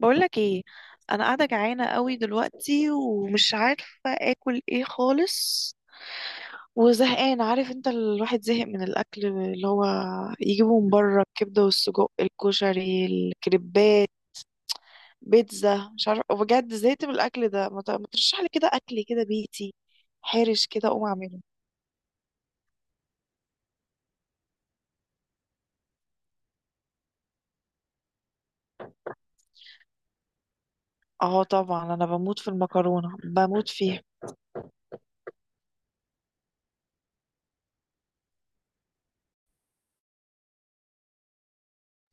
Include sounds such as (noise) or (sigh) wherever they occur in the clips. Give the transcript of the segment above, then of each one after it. بقولك ايه؟ انا قاعده جعانه قوي دلوقتي ومش عارفه اكل ايه خالص وزهقان. عارف انت الواحد زهق من الاكل اللي هو يجيبه من بره، الكبده والسجق الكشري الكريبات بيتزا، مش عارفه بجد زهقت من الاكل ده. ما ترشح لي كده اكل كده بيتي حارش كده اقوم اعمله. اه طبعا، انا بموت في المكرونه، بموت فيها.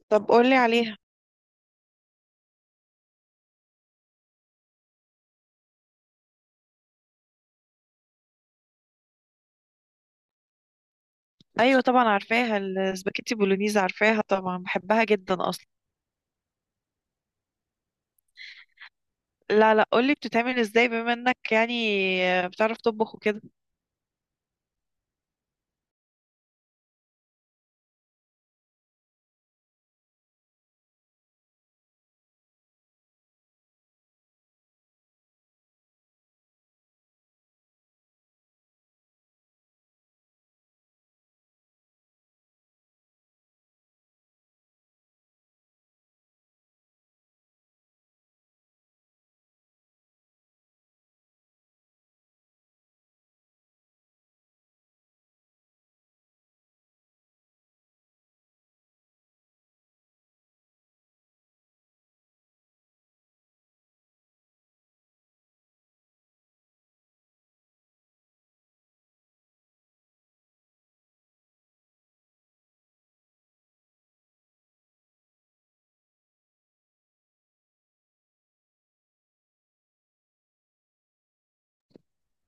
طب قولي عليها. ايوه طبعا عارفاها، السباكيتي بولونيز عارفاها طبعا، بحبها جدا اصلا. لا لا، قولي بتتعمل ازاي، بما انك يعني بتعرف تطبخ وكده.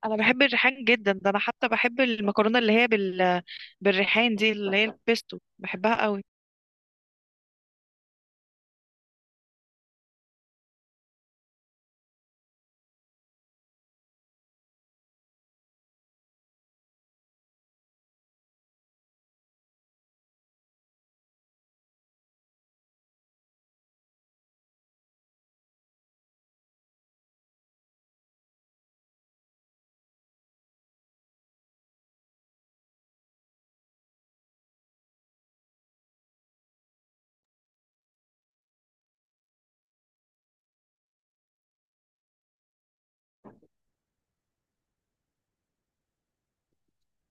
انا بحب الريحان جدا، ده انا حتى بحب المكرونه اللي هي بالريحان دي، اللي هي البيستو، بحبها قوي.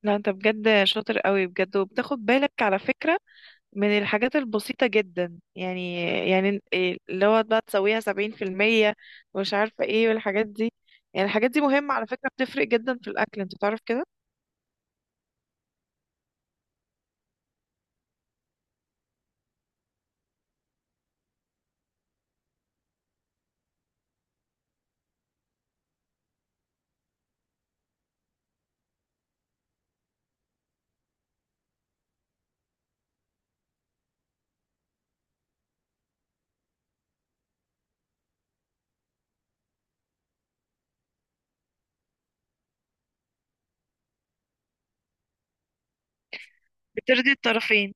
لا انت بجد شاطر قوي بجد، وبتاخد بالك على فكره من الحاجات البسيطه جدا، يعني يعني إيه اللي هو بقى تسويها 70% ومش عارفه ايه، والحاجات دي. يعني الحاجات دي مهمه على فكره، بتفرق جدا في الاكل، انت تعرف كده. بترضي الطرفين.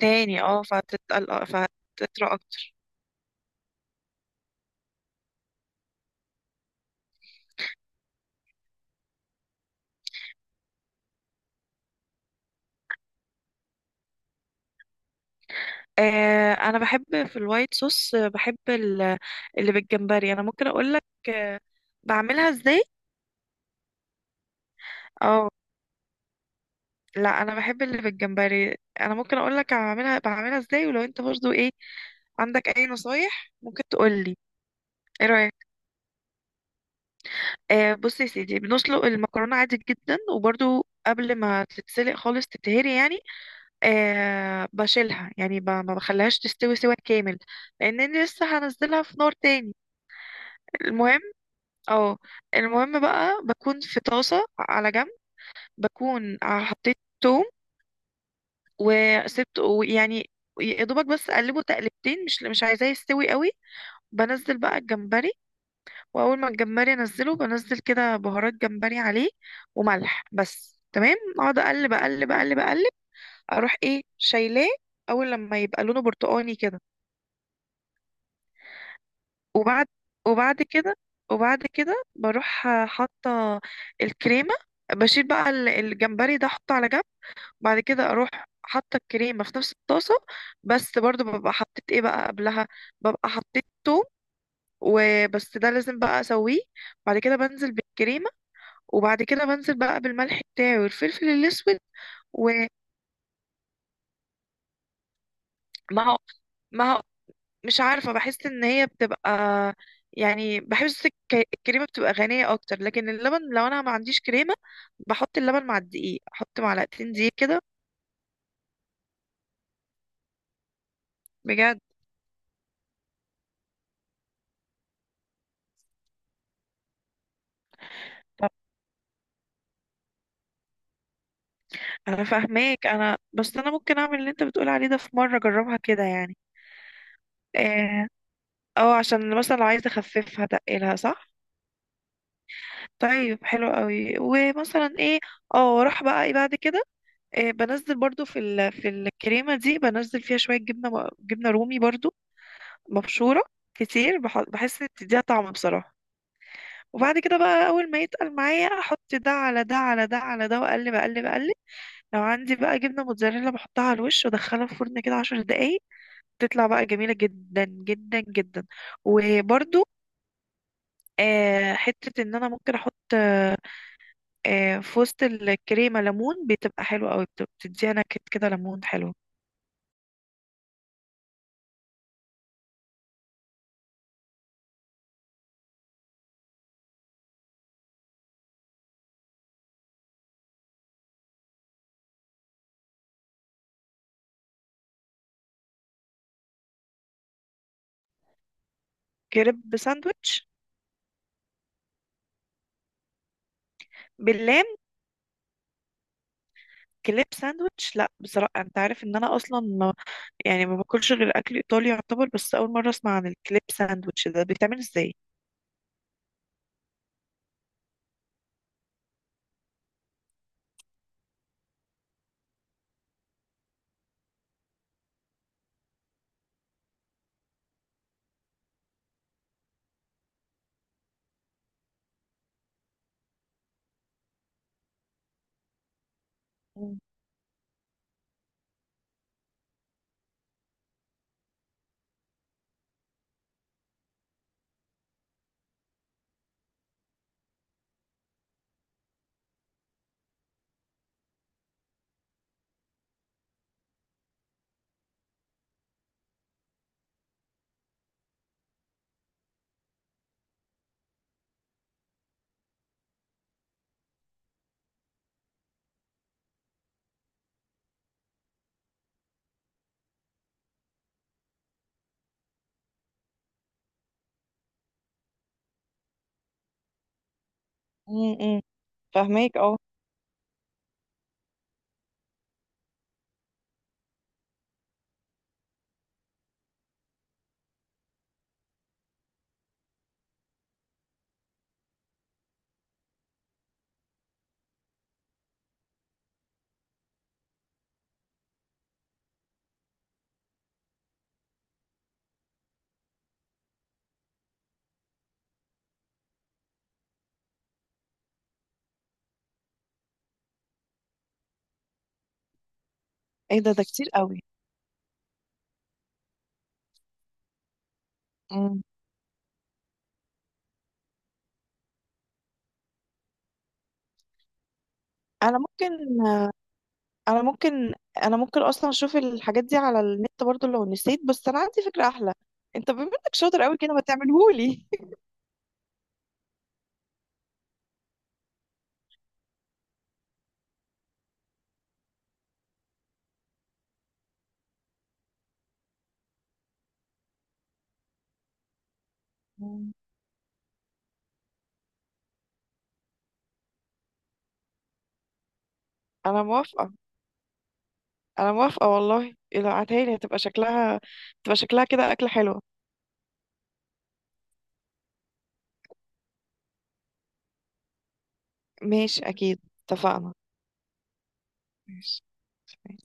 تاني اه، فهتتقل فهتطرى اكتر. آه انا بحب في الوايت صوص، آه، اللي بالجمبري انا ممكن اقول لك بعملها ازاي. اه لا انا بحب اللي بالجمبري، انا ممكن اقول لك بعملها ازاي، ولو انت برضو ايه عندك اي نصايح ممكن تقول لي. ايه رايك؟ آه بص يا سيدي، بنسلق المكرونه عادي جدا، وبرضو قبل ما تتسلق خالص تتهري يعني، آه بشيلها يعني، ما بخليهاش تستوي سوا كامل، لان انا لسه هنزلها في نار تاني. المهم، اه، المهم بقى بكون في طاسة على جنب، بكون حطيت توم، وسبت يعني يا دوبك، بس اقلبه تقلبتين، مش عايزاه يستوي قوي. بنزل بقى الجمبري، واول ما الجمبري انزله بنزل كده بهارات جمبري عليه وملح بس، تمام. اقعد اقلب اقلب اقلب اقلب، اروح ايه شايلاه اول لما يبقى لونه برتقاني كده. وبعد وبعد كده وبعد كده بروح حاطه الكريمه، بشيل بقى الجمبري ده احطه على جنب. بعد كده اروح حاطه الكريمه في نفس الطاسه، بس برضو ببقى حطيت ايه بقى قبلها؟ ببقى حطيت توم وبس، ده لازم بقى اسويه. بعد كده بنزل بالكريمه، وبعد كده بنزل بقى بالملح بتاعي والفلفل الاسود، ومع. مع، مش عارفة بحس ان هي بتبقى يعني، بحس الكريمة بتبقى غنية اكتر، لكن اللبن لو انا ما عنديش كريمة بحط اللبن مع الدقيق، احط معلقتين دقيق كده. بجد. انا فاهماك، انا بس انا ممكن اعمل اللي انت بتقول عليه ده في مرة، اجربها كده يعني. اه، أو عشان مثلا لو عايزة اخففها تقلها، صح. طيب حلو قوي. ومثلا ايه، اه، واروح بقى ايه بعد كده؟ إيه، بنزل برضو في في الكريمة دي بنزل فيها شوية جبنة، جبنة رومي برضو مبشورة كتير، بحس ان بتديها طعم بصراحة. وبعد كده بقى اول ما يتقل معايا احط ده على ده على ده على ده، واقلب اقلب اقلب. لو عندي بقى جبنة موتزاريلا بحطها على الوش وادخلها في الفرن كده 10 دقايق، تطلع بقى جميلة جدا جدا جدا. وبرضو آه، حتة ان انا ممكن احط آه، آه، في وسط الكريمة ليمون، بتبقى حلوة قوي، بتديها نكهة كده ليمون حلو. كريب ساندويتش؟ باللام؟ كليب ساندويتش؟ لا بصراحة، انت عارف ان انا اصلا يعني ما باكلش غير اكل ايطالي يعتبر، بس اول مره اسمع عن الكليب ساندوتش ده، بيتعمل ازاي؟ مم. مم. مم. فاهماك اه. ايه ده؟ ده كتير قوي. مم. انا ممكن انا ممكن انا ممكن اصلا اشوف الحاجات دي على النت برضو لو نسيت، بس انا عندي فكرة احلى. انت بما انك شاطر قوي كده، ما تعملهولي. مم. (laughs) انا موافقة. انا موافقة والله. إيه، لو عتهالي لي هتبقى شكلها، تبقى شكلها كده اكلة حلوة. ماشي اكيد. اتفقنا. ماشي.